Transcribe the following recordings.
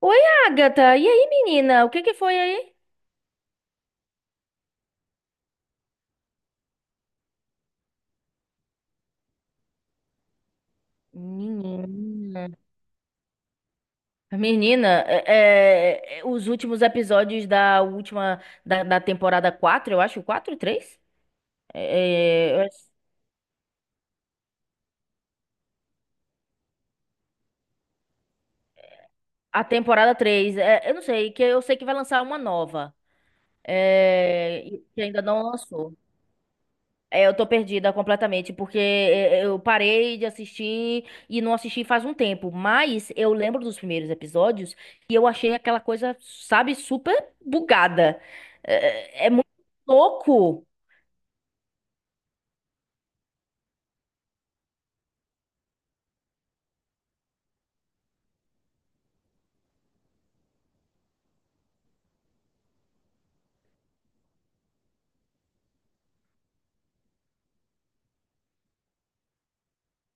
Oi, Agatha. E aí, menina? O que que foi aí? Menina. Menina, os últimos episódios da última da temporada 4, eu acho, 4 3? É, é, a temporada três, eu não sei, que eu sei que vai lançar uma nova, e que ainda não lançou. É, eu tô perdida completamente, porque eu parei de assistir e não assisti faz um tempo, mas eu lembro dos primeiros episódios e eu achei aquela coisa, sabe, super bugada. É muito louco.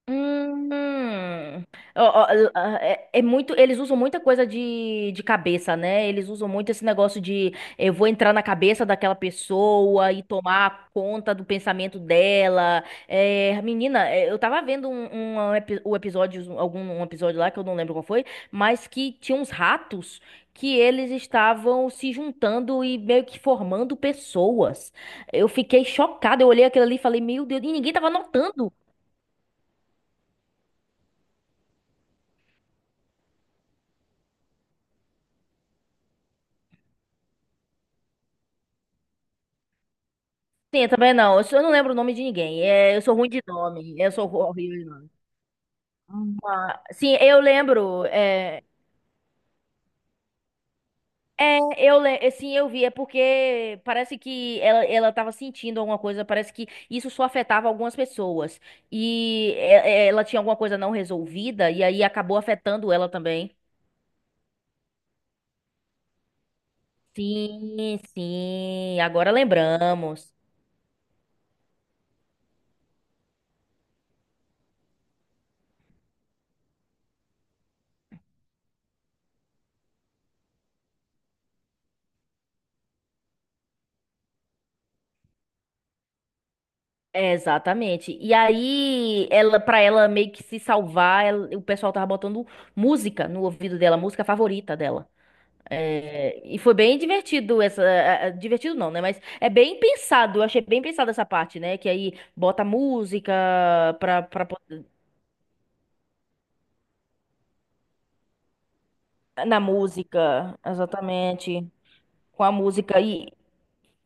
Hum. Ó, ó, ó, muito, eles usam muita coisa de cabeça, né? Eles usam muito esse negócio de eu vou entrar na cabeça daquela pessoa e tomar conta do pensamento dela. É, menina, eu tava vendo o episódio, algum um episódio lá que eu não lembro qual foi, mas que tinha uns ratos que eles estavam se juntando e meio que formando pessoas. Eu fiquei chocada, eu olhei aquilo ali e falei, meu Deus, e ninguém tava notando. Sim, eu também não. Eu só não lembro o nome de ninguém. É, eu sou ruim de nome. Eu sou horrível de nome. Ah, sim, eu lembro. Sim, eu vi. É porque parece que ela, tava sentindo alguma coisa. Parece que isso só afetava algumas pessoas. E ela tinha alguma coisa não resolvida. E aí acabou afetando ela também. Sim, sim. Agora lembramos. É, exatamente. E aí, ela, para ela meio que se salvar, o pessoal tava botando música no ouvido dela, música favorita dela. É, e foi bem divertido essa, divertido não, né? Mas é bem pensado. Eu achei bem pensado essa parte, né? Que aí bota música pra, pra, pô- na música, exatamente, com a música e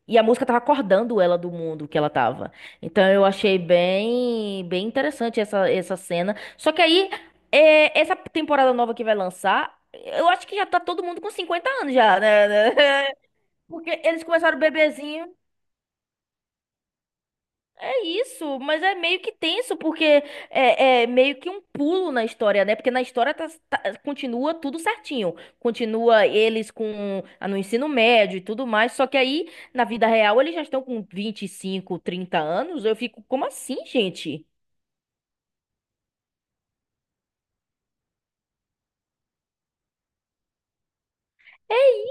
E a música tava acordando ela do mundo que ela tava. Então eu achei bem, bem interessante essa cena. Só que aí, essa temporada nova que vai lançar, eu acho que já tá todo mundo com 50 anos já, né? Porque eles começaram bebezinho. Isso, mas é meio que tenso, porque é meio que um pulo na história, né? Porque na história continua tudo certinho. Continua eles com no ensino médio e tudo mais. Só que aí, na vida real, eles já estão com 25, 30 anos. Eu fico, como assim, gente?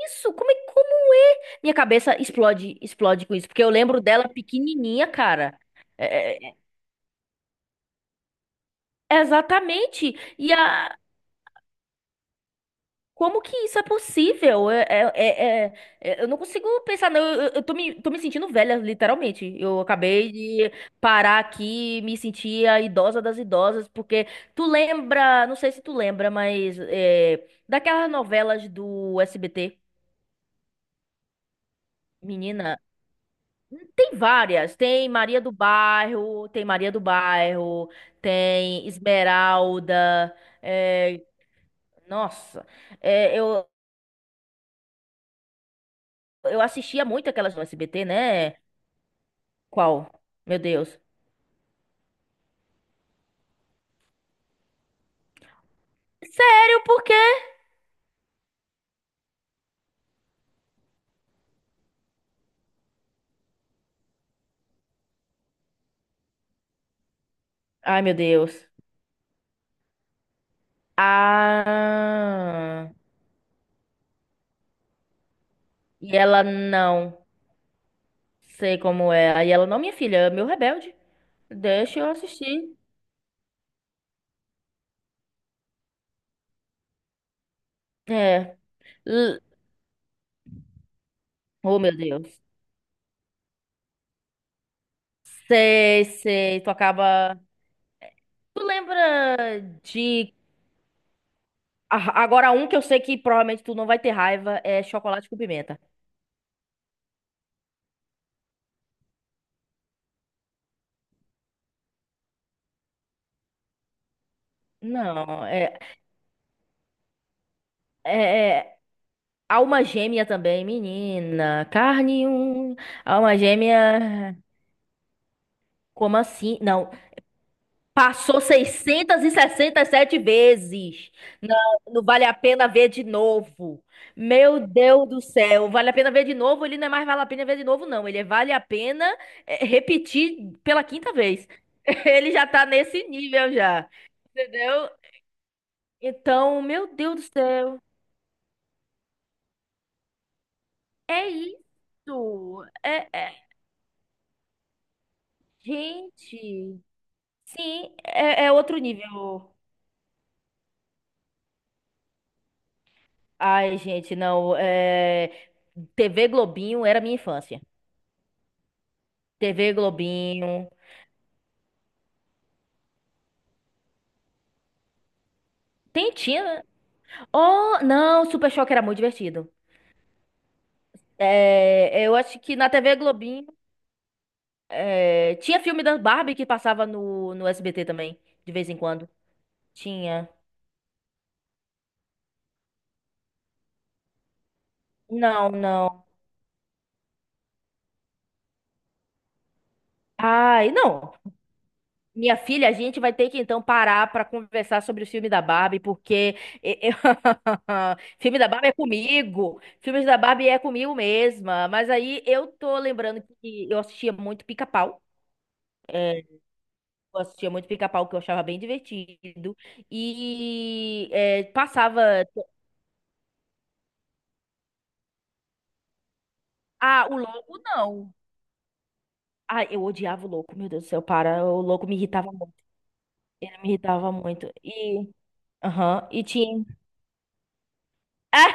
Isso, como é, como é? Minha cabeça explode, explode com isso, porque eu lembro dela pequenininha, cara. É, é, é- Exatamente. Como que isso é possível? Eu não consigo pensar, não. Eu tô me sentindo velha, literalmente. Eu acabei de parar aqui, me sentir a idosa das idosas, porque tu lembra, não sei se tu lembra, mas daquelas novelas do SBT, menina, tem várias. Tem Maria do Bairro, tem Maria do Bairro, tem Esmeralda. é, nossa, é, eu, eu assistia muito aquelas do SBT, né? Qual? Meu Deus. Sério, por quê? Ai, meu Deus. Ah. E ela não. Sei como é. Aí ela, não, minha filha, é meu rebelde. Deixa eu assistir. É. L- Oh, meu Deus. Sei, sei. Tu acaba. Tu lembra de. Ah, agora, um que eu sei que provavelmente tu não vai ter raiva é chocolate com pimenta. Não, é alma gêmea também, menina. Carne um, alma gêmea. Como assim? Não. Passou e 67 vezes. Não, não vale a pena ver de novo. Meu Deus do céu. Vale a pena ver de novo? Ele não é mais vale a pena ver de novo, não. Ele é vale a pena repetir pela quinta vez. Ele já tá nesse nível já. Entendeu? Então, meu Deus do céu. É isso. Gente. Sim, é outro nível. Ai, gente, não. TV Globinho era minha infância. TV Globinho. Tem, tinha, né? Oh, não, Super Choque era muito divertido. É, eu acho que na TV Globinho. Tinha filme da Barbie que passava no SBT também, de vez em quando. Tinha. Não, não. Ai, não. Minha filha, a gente vai ter que então parar pra conversar sobre o filme da Barbie, porque e- eu- filme da Barbie é comigo, filmes da Barbie é comigo mesma. Mas aí eu tô lembrando que eu assistia muito Pica-Pau. é, eu assistia muito Pica-Pau, que eu achava bem divertido. E passava. Ah, o Louco não. Ah, eu odiava o Louco, meu Deus do céu, para. O Louco me irritava muito. Ele me irritava muito. E. Aham, e tinha.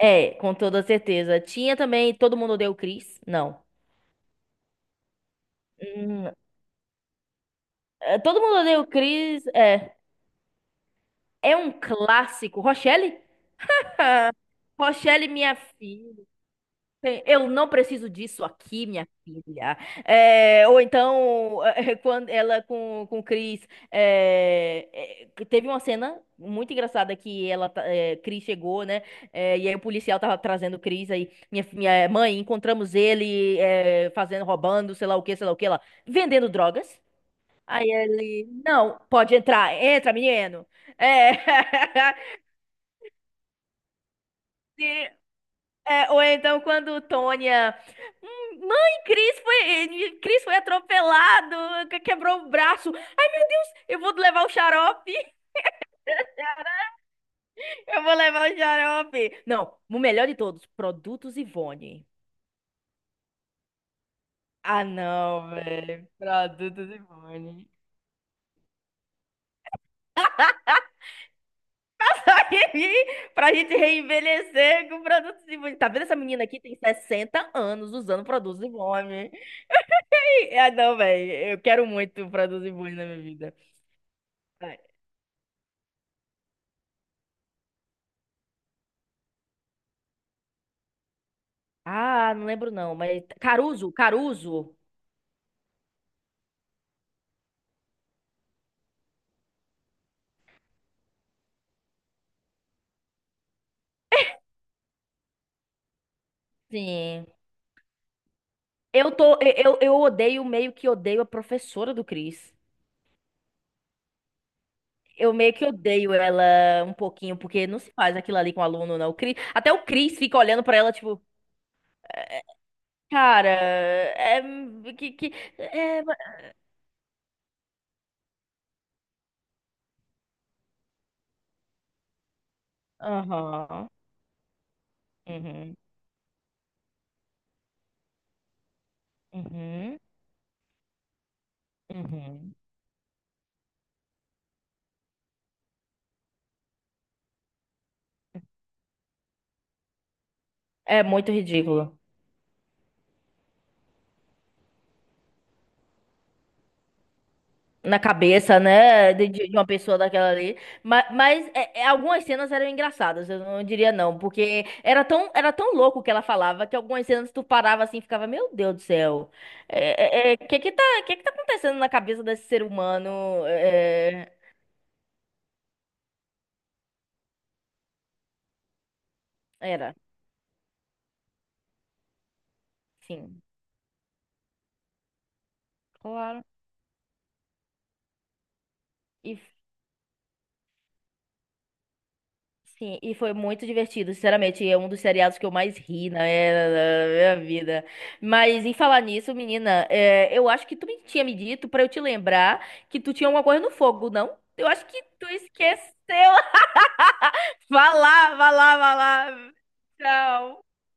É, com toda certeza. Tinha também Todo Mundo Odeia o Chris. Não. Hum, Todo Mundo Odeia o Chris. É um clássico. Rochelle? Rochelle, minha filha. Tem, eu não preciso disso aqui, minha filha. É, ou então, quando ela com o Chris. Teve uma cena muito engraçada que ela, Chris chegou, né? É, e aí o policial tava trazendo o Chris aí. Minha mãe, encontramos ele fazendo, roubando, sei lá o que, sei lá o que lá, vendendo drogas. Aí ele, não, pode entrar, entra, menino. É. É, ou então quando Tônia. Mãe, Cris foi atropelado, quebrou o braço. Ai, meu Deus, eu vou levar o xarope. Eu vou levar o xarope. Não, o melhor de todos, produtos Ivone. Ah, não, velho. Produtos Ivone. passar aqui pra gente reenvelhecer com produtos Ivone. Tá vendo essa menina aqui? Tem 60 anos usando produtos Ivone. Ah, não, velho. Eu quero muito produtos Ivone na minha vida. Vai. Ah, não lembro não, mas... Caruso, Caruso. Sim. Eu odeio, meio que odeio a professora do Cris. Eu meio que odeio ela um pouquinho, porque não se faz aquilo ali com o aluno, não. O Cris, até o Cris fica olhando pra ela, tipo... "É, cara, que, que, é, Aham. Uhum. Uhum. Uhum. É muito ridículo. Na cabeça, né, de uma pessoa daquela ali. Algumas cenas eram engraçadas, eu não diria não, porque era tão louco o que ela falava que algumas cenas tu parava assim e ficava, meu Deus do céu, que que tá acontecendo na cabeça desse ser humano? Era, sim, claro. E Sim, e foi muito divertido, sinceramente. É um dos seriados que eu mais ri na minha vida. Mas em falar nisso, menina, eu acho que tu me tinha me dito pra eu te lembrar que tu tinha alguma coisa no fogo, não? Eu acho que tu esqueceu. Vá lá, vá lá, vá lá. Tchau.